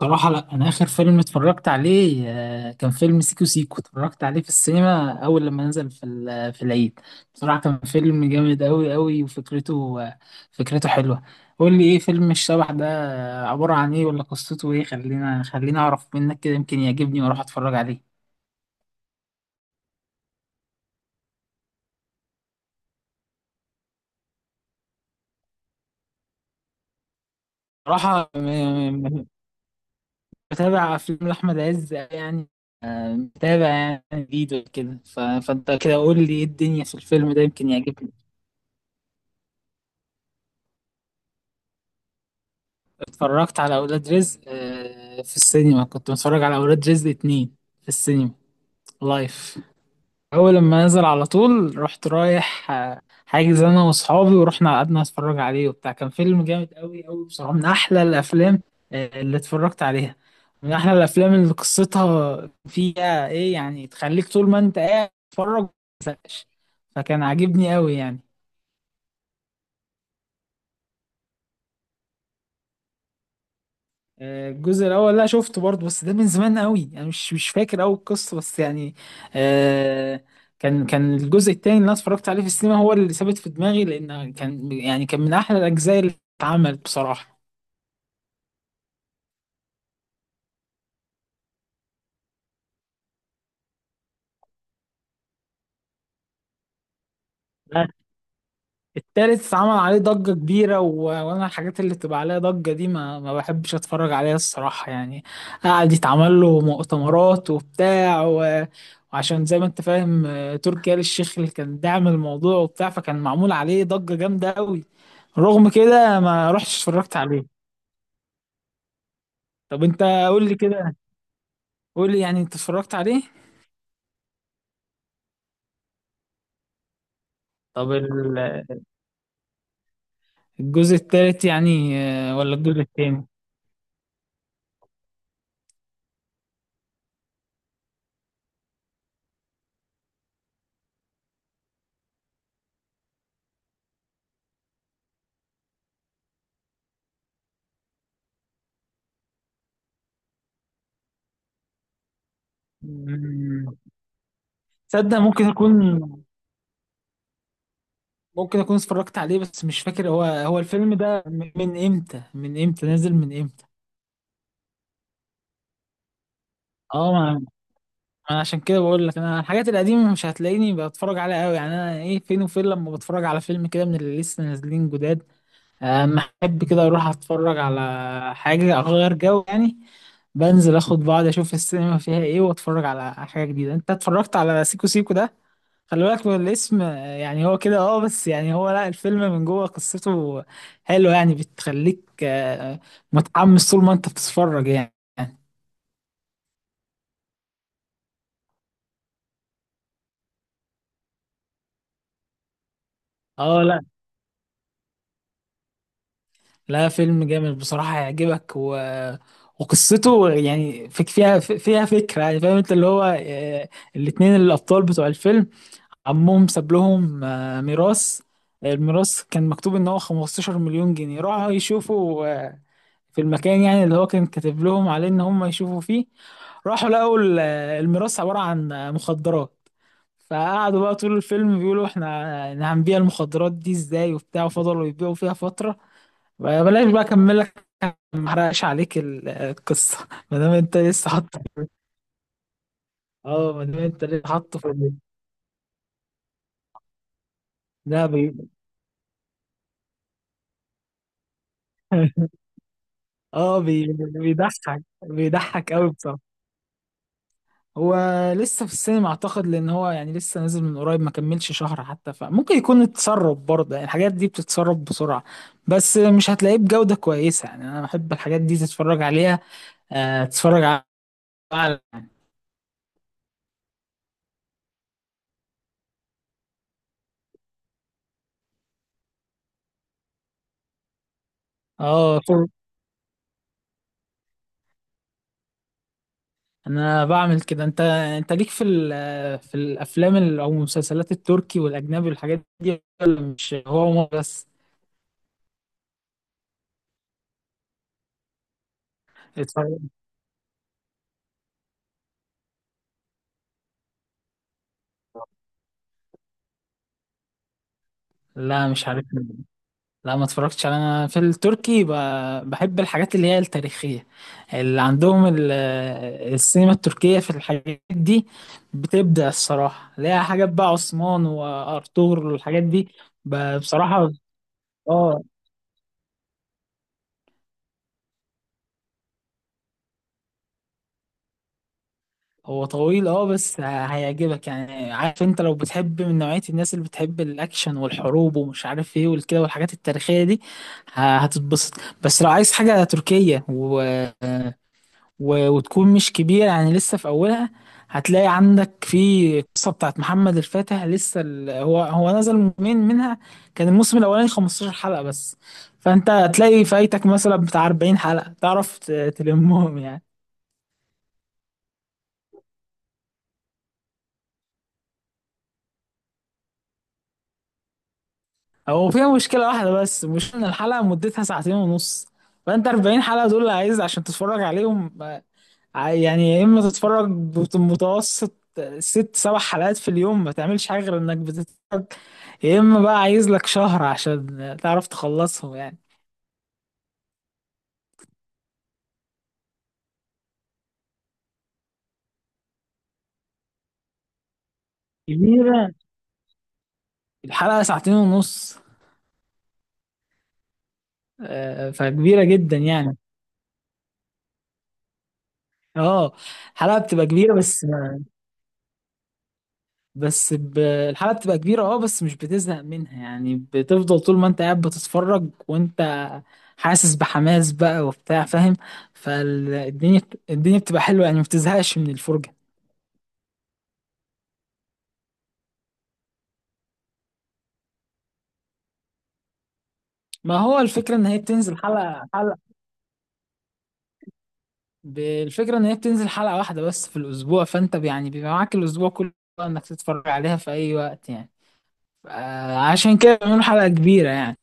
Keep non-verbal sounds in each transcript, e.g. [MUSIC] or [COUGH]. صراحة لا، أنا آخر فيلم اتفرجت عليه كان فيلم سيكو سيكو، اتفرجت عليه في السينما أول لما نزل في العيد. بصراحة كان فيلم جامد أوي أوي، وفكرته آه، فكرته حلوة. قول لي إيه فيلم الشبح ده؟ عبارة عن إيه؟ ولا قصته إيه؟ خلينا أعرف منك كده، يمكن يعجبني وأروح أتفرج عليه. صراحة بتابع أفلام لأحمد عز يعني، متابع يعني جديد وكده. فأنت كده قول لي إيه الدنيا في الفيلم ده، يمكن يعجبني. اتفرجت على أولاد رزق في السينما، كنت بتفرج على أولاد رزق اتنين في السينما لايف. أول لما نزل على طول رحت رايح حاجز أنا وأصحابي، ورحنا قعدنا نتفرج عليه وبتاع. كان فيلم جامد أوي أوي بصراحة، من أحلى الأفلام اللي اتفرجت عليها. من أحلى الأفلام اللي قصتها فيها إيه يعني، تخليك طول ما أنت قاعد تتفرج ما تزهقش، فكان عاجبني أوي يعني. الجزء الاول لا شفته برضه، بس ده من زمان قوي، انا مش فاكر قوي القصه بس يعني. آه. كان الجزء التاني اللي انا اتفرجت عليه في السينما هو اللي ثابت في دماغي، لان كان يعني كان من احلى الاجزاء اللي اتعملت بصراحه. التالت عمل عليه ضجة كبيرة، وأنا الحاجات اللي بتبقى عليها ضجة دي ما بحبش أتفرج عليها الصراحة يعني. قعد يتعمل له مؤتمرات وبتاع، وعشان زي ما أنت فاهم تركي آل الشيخ اللي كان داعم الموضوع وبتاع، فكان معمول عليه ضجة جامدة أوي. رغم كده ما رحتش اتفرجت عليه. طب أنت قول لي كده، قول لي يعني أنت اتفرجت عليه. طب الجزء التالت يعني، ولا الجزء التاني؟ مم. تصدق ممكن أكون، ممكن اكون اتفرجت عليه بس مش فاكر، هو الفيلم ده من من امتى من امتى نازل من امتى؟ اه، ما انا عشان كده بقول لك، انا الحاجات القديمه مش هتلاقيني بتفرج عليها قوي يعني. انا ايه؟ فين وفين لما بتفرج على فيلم كده من اللي لسه نازلين جداد. اما احب كده اروح اتفرج على حاجه اغير جو يعني، بنزل اخد بعض اشوف السينما فيها ايه واتفرج على حاجه جديده. انت اتفرجت على سيكو سيكو ده؟ خلي بالك من الاسم يعني، هو كده اه، بس يعني هو لا، الفيلم من جوه قصته حلوة يعني، بتخليك متحمس طول ما انت بتتفرج يعني. اه، لا لا، فيلم جامد بصراحة، هيعجبك. وقصته يعني فيها فكرة يعني، فاهم انت اللي هو، الاتنين الأبطال بتوع الفيلم عمهم ساب لهم ميراث. الميراث كان مكتوب ان هو 15 مليون جنيه، راحوا يشوفوا في المكان يعني اللي هو كان كاتب لهم عليه ان هم يشوفوا فيه. راحوا لقوا الميراث عبارة عن مخدرات. فقعدوا بقى طول الفيلم بيقولوا إحنا هنبيع المخدرات دي ازاي وبتاع، وفضلوا يبيعوا فيها فترة. بلاش بقى اكمل لك، ما احرقش عليك القصة. [LAUGHS] ما دام انت لسه حاطه في- اه ما دام انت لسه حاطه في ده [LAUGHS] اه، بيضحك بيضحك قوي بصراحة. هو لسه في السينما اعتقد، لان هو يعني لسه نازل من قريب، ما كملش شهر حتى، فممكن يكون اتسرب برضه، يعني الحاجات دي بتتسرب بسرعة، بس مش هتلاقيه بجودة كويسة. يعني انا بحب الحاجات دي تتفرج عليها، تتفرج على. اه، طب انا بعمل كده. انت ليك في في الافلام او المسلسلات التركي والاجنبي والحاجات دي، ولا مش هو مو بس؟ اتفرج. لا، مش عارف. لا، ما اتفرجتش انا في التركي بحب الحاجات اللي هي التاريخية، اللي عندهم السينما التركية في الحاجات دي بتبدع الصراحة، ليها حاجات بقى، عثمان وارطغرل والحاجات دي بصراحة، اه. هو طويل اه، بس هيعجبك يعني. عارف انت لو بتحب من نوعية الناس اللي بتحب الاكشن والحروب ومش عارف ايه والكده والحاجات التاريخية دي، هتتبسط. بس لو عايز حاجة تركية وتكون مش كبيرة يعني، لسه في أولها، هتلاقي عندك في قصة بتاعت محمد الفاتح. لسه هو نزل موسمين منها، كان الموسم الأولاني 15 حلقة بس. فأنت هتلاقي فايتك مثلا بتاع 40 حلقة، تعرف تلمهم يعني. هو فيها مشكلة واحدة بس، مش إن الحلقة مدتها ساعتين ونص، فأنت 40 حلقة دول اللي عايز عشان تتفرج عليهم. يعني يا اما تتفرج بمتوسط ست سبع حلقات في اليوم، ما تعملش حاجه غير انك بتتفرج، يا اما بقى عايز لك شهر عشان تعرف تخلصهم يعني. كبيره، الحلقه ساعتين ونص، فكبيره جدا يعني. اه، الحلقه بتبقى كبيره بس. بس ب... الحلقه بتبقى كبيره اه بس مش بتزهق منها يعني، بتفضل طول ما انت قاعد بتتفرج وانت حاسس بحماس بقى وبتاع، فاهم؟ فالدنيا الدنيا بتبقى حلوه يعني، ما بتزهقش من الفرجه. ما هو الفكرة ان هي بتنزل حلقة حلقة، بالفكرة ان هي بتنزل حلقة واحدة بس في الاسبوع، فانت يعني بيبقى معاك الاسبوع كله انك تتفرج عليها في اي وقت يعني. عشان كده بيعملوا حلقة كبيرة يعني.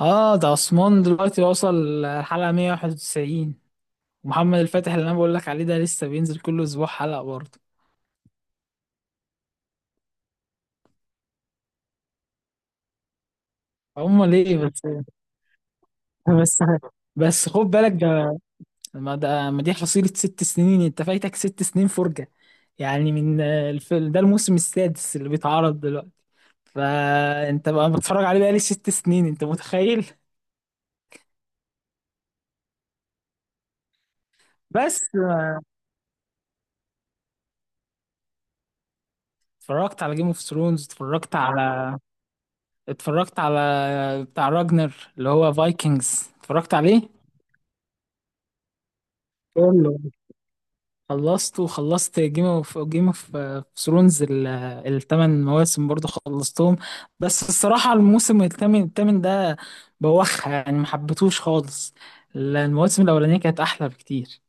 اه، ده عثمان دلوقتي وصل الحلقة 191، ومحمد الفاتح اللي انا بقول لك عليه ده لسه بينزل كل اسبوع حلقة برضه. هم ليه بس؟ [LAUGHS] بس بس خد بالك ده. ما دي حصيلة 6 سنين، انت فايتك 6 سنين فرجة يعني. من ده الموسم السادس اللي بيتعرض دلوقتي، فانت بقى بتفرج عليه بقالي 6 سنين، انت متخيل؟ بس اتفرجت على جيم اوف ثرونز. اتفرجت على بتاع راجنر اللي هو فايكنجز، اتفرجت عليه كله، خلصته. وخلصت جيم اوف ثرونز، الثمان مواسم برضو خلصتهم. بس الصراحة الموسم الثامن ده بوخ يعني، ما حبيتهوش خالص، المواسم الأولانية كانت أحلى بكتير.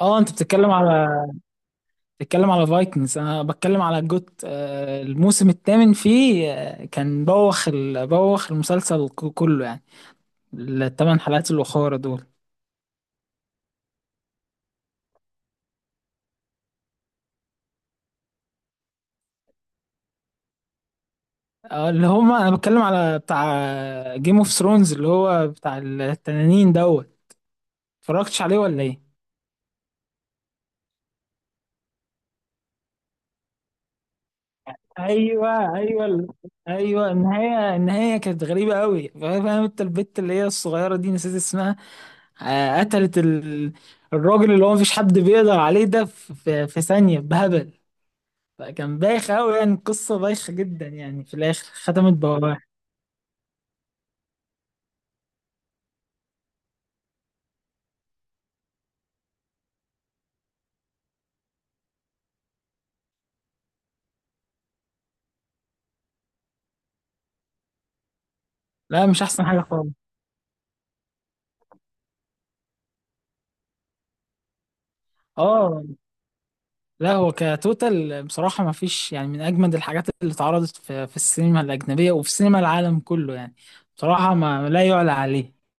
اه، انت بتتكلم على، فايكنجز. انا بتكلم على جوت، الموسم الثامن فيه كان بوخ، بوخ المسلسل كله يعني، الثمان حلقات الاخرى دول. اللي هما انا بتكلم على بتاع جيم اوف ثرونز اللي هو بتاع التنانين دوت. اتفرجتش عليه ولا ايه؟ ايوه ايوه ايوه، النهايه كانت غريبه قوي، فاهم انت البت اللي هي الصغيره دي، نسيت اسمها، قتلت الراجل اللي هو مفيش حد بيقدر عليه ده، في ثانيه بهبل. فكان بايخ قوي يعني، القصه بايخه جدا يعني، في الاخر ختمت بواه. لا، مش احسن حاجه خالص. اه، لا هو كتوتال بصراحه ما فيش يعني، من اجمد الحاجات اللي اتعرضت في السينما الاجنبيه وفي سينما العالم كله يعني، بصراحه ما لا يعلى عليه.